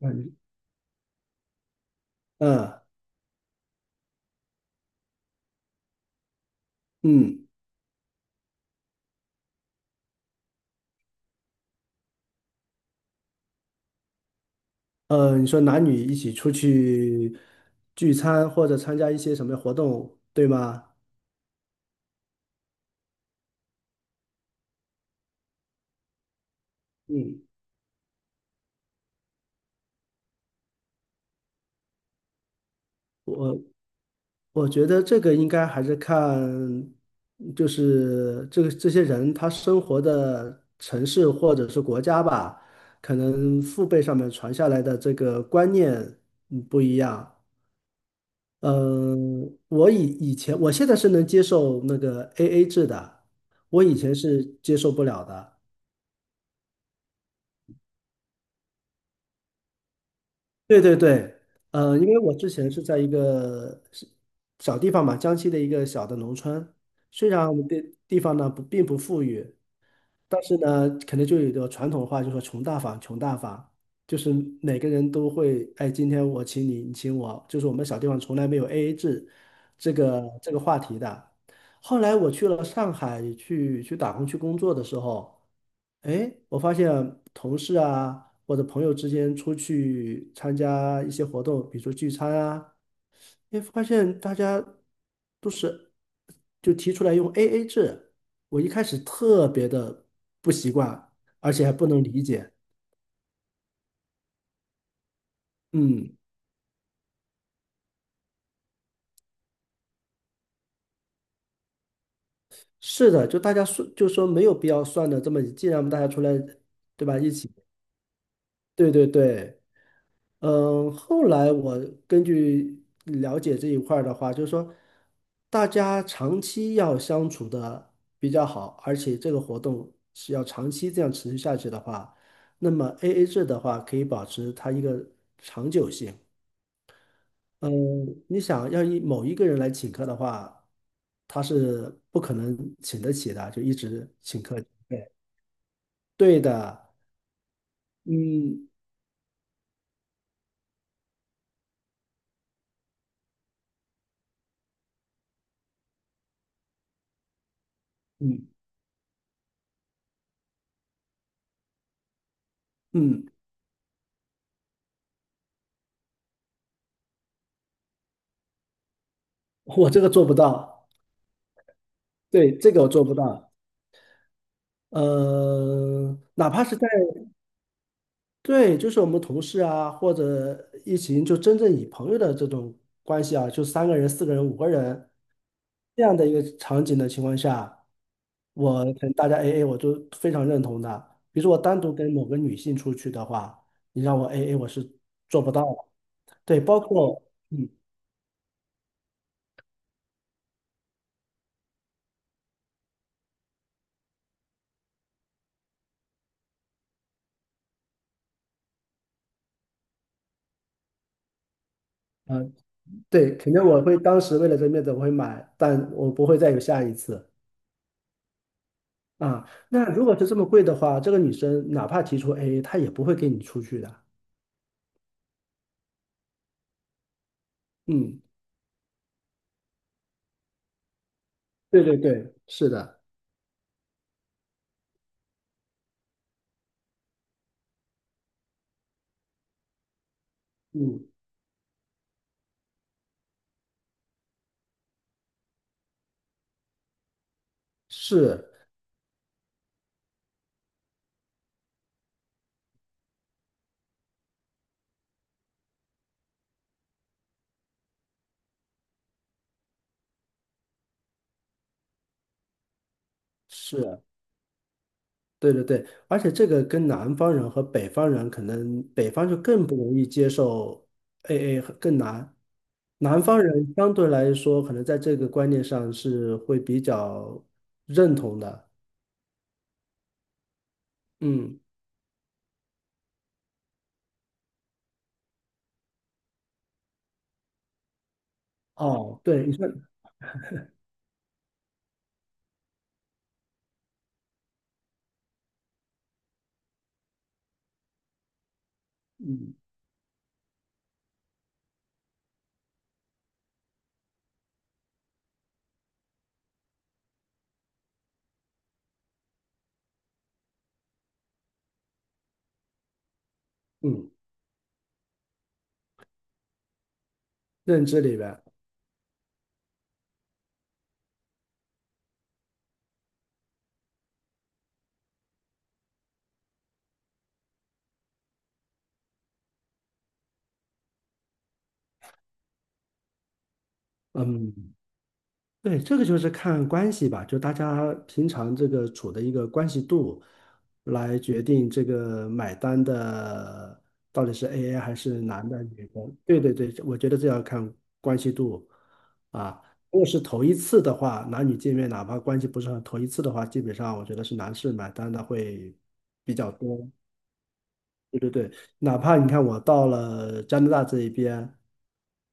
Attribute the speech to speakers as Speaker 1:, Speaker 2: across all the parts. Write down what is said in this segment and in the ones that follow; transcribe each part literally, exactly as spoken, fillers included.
Speaker 1: 嗯嗯嗯呃，你说男女一起出去聚餐或者参加一些什么活动，对吗？嗯，我我觉得这个应该还是看，就是这个这些人他生活的城市或者是国家吧，可能父辈上面传下来的这个观念嗯不一样。嗯，我以以前我现在是能接受那个 A A 制的，我以前是接受不了的。对对对。呃，因为我之前是在一个是小地方嘛，江西的一个小的农村，虽然我们的地方呢不并不富裕，但是呢，可能就有一个传统话，就说“穷大方，穷大方”，就是每个人都会，哎，今天我请你，你请我，就是我们小地方从来没有 A A 制这个这个话题的。后来我去了上海去去打工去工作的时候。哎，我发现同事啊或者朋友之间出去参加一些活动，比如说聚餐啊，哎，发现大家都是就提出来用 A A 制，我一开始特别的不习惯，而且还不能理解。嗯，是的，就大家说就说没有必要算的这么，既然我们大家出来，对吧，一起，对对对。嗯，后来我根据了解这一块儿的话，就是说，大家长期要相处的比较好，而且这个活动是要长期这样持续下去的话，那么 A A 制的话可以保持它一个长久性。嗯，你想要一某一个人来请客的话，他是不可能请得起的，就一直请客。对，对的。嗯嗯嗯，我这个做不到，对，这个我做不到。呃，哪怕是在对，就是我们同事啊，或者一起就真正以朋友的这种关系啊，就三个人、四个人、五个人这样的一个场景的情况下，我可能大家 A A，我就非常认同的。比如说我单独跟某个女性出去的话，你让我 A A，我是做不到的。对，包括嗯嗯，呃对，肯定我会当时为了这面子我会买，但我不会再有下一次。啊，那如果是这么贵的话，这个女生哪怕提出 A A，她也不会跟你出去的。嗯，对对对，是的。嗯，是是，对对对，而且这个跟南方人和北方人，可能北方就更不容易接受 A A 和更难，南方人相对来说，可能在这个观念上是会比较认同的。嗯，哦，对，你说。嗯嗯，认知里边。嗯。对，这个就是看关系吧，就大家平常这个处的一个关系度，来决定这个买单的到底是 A A 还是男的女的。对对对，我觉得这要看关系度啊。如果是头一次的话，男女见面哪怕关系不是很头一次的话，基本上我觉得是男士买单的会比较多。对对对，哪怕你看我到了加拿大这一边。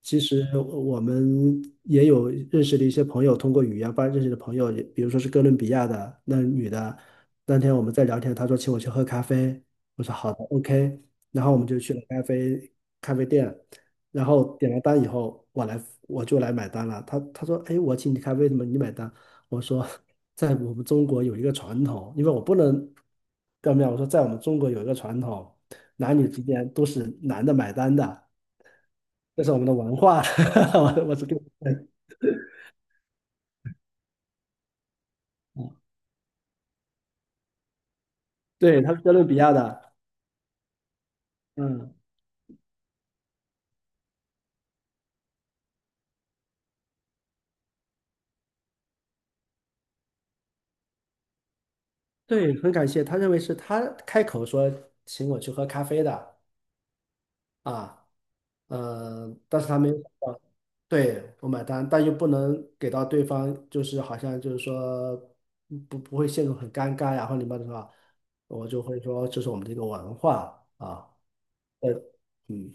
Speaker 1: 其实我们也有认识的一些朋友，通过语言吧认识的朋友，也比如说是哥伦比亚的那女的，那天我们在聊天，她说请我去喝咖啡，我说好的，OK，然后我们就去了咖啡咖啡店，然后点了单以后，我来我就来买单了，她她说哎，我请你咖啡，怎么你买单？我说在我们中国有一个传统，因为我不能表面，我说在我们中国有一个传统，男女之间都是男的买单的。这是我们的文化。我我是跟对，他是哥伦比亚的。嗯，对，很感谢，他认为是他开口说请我去喝咖啡的啊。呃，但是他没有想到对，我买单，但又不能给到对方，就是好像就是说不不会陷入很尴尬呀，或者什么的话，我就会说这是我们的一个文化啊。呃，嗯，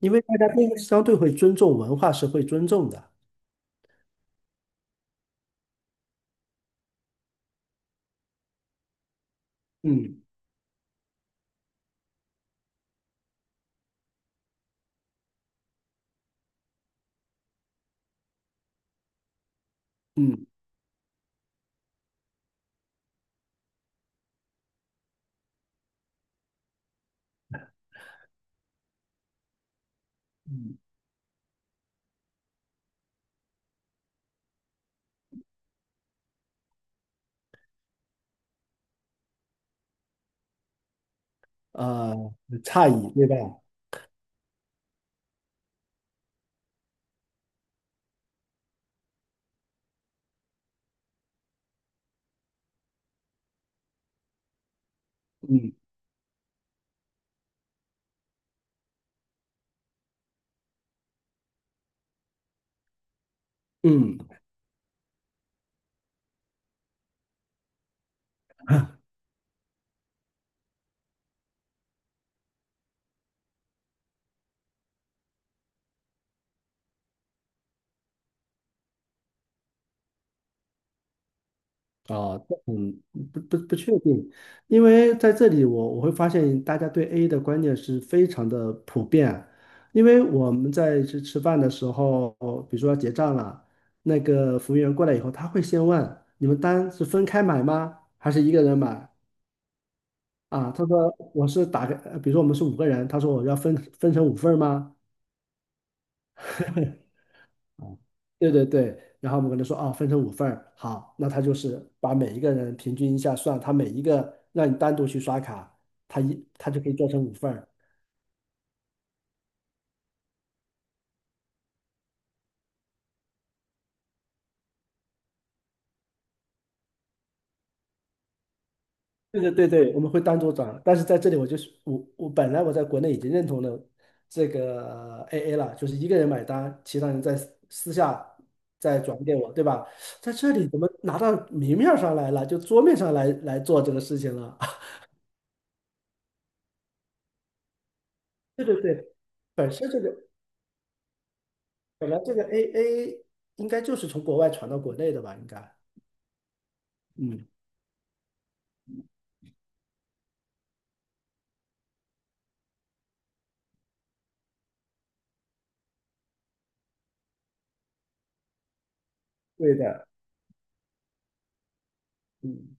Speaker 1: 因为大家都相对会尊重文化是会尊重的。嗯嗯。嗯呃诧异，对吧？嗯嗯，啊，这嗯，不不不确定，因为在这里我我会发现大家对 A 的观念是非常的普遍，因为我们在吃吃饭的时候，比如说要结账了，那个服务员过来以后，他会先问你们单是分开买吗，还是一个人买？啊，他说我是打个，呃比如说我们是五个人，他说我要分分成五份儿吗？对对对，然后我们跟他说啊，分成五份儿，好，那他就是把每一个人平均一下算，他每一个让你单独去刷卡，他一他就可以做成五份儿。对对对对，我们会单独转，但是在这里我就是我我本来我在国内已经认同了这个 A A 了，就是一个人买单，其他人在私私下再转给我，对吧？在这里怎么拿到明面儿上来了，就桌面上来来做这个事情了？对对对，本身这个。本来这个 A A 应该就是从国外传到国内的吧？应该。嗯，对的。嗯，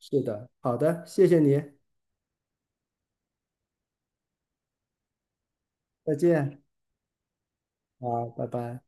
Speaker 1: 是的，好的，谢谢你。再见，好，拜拜。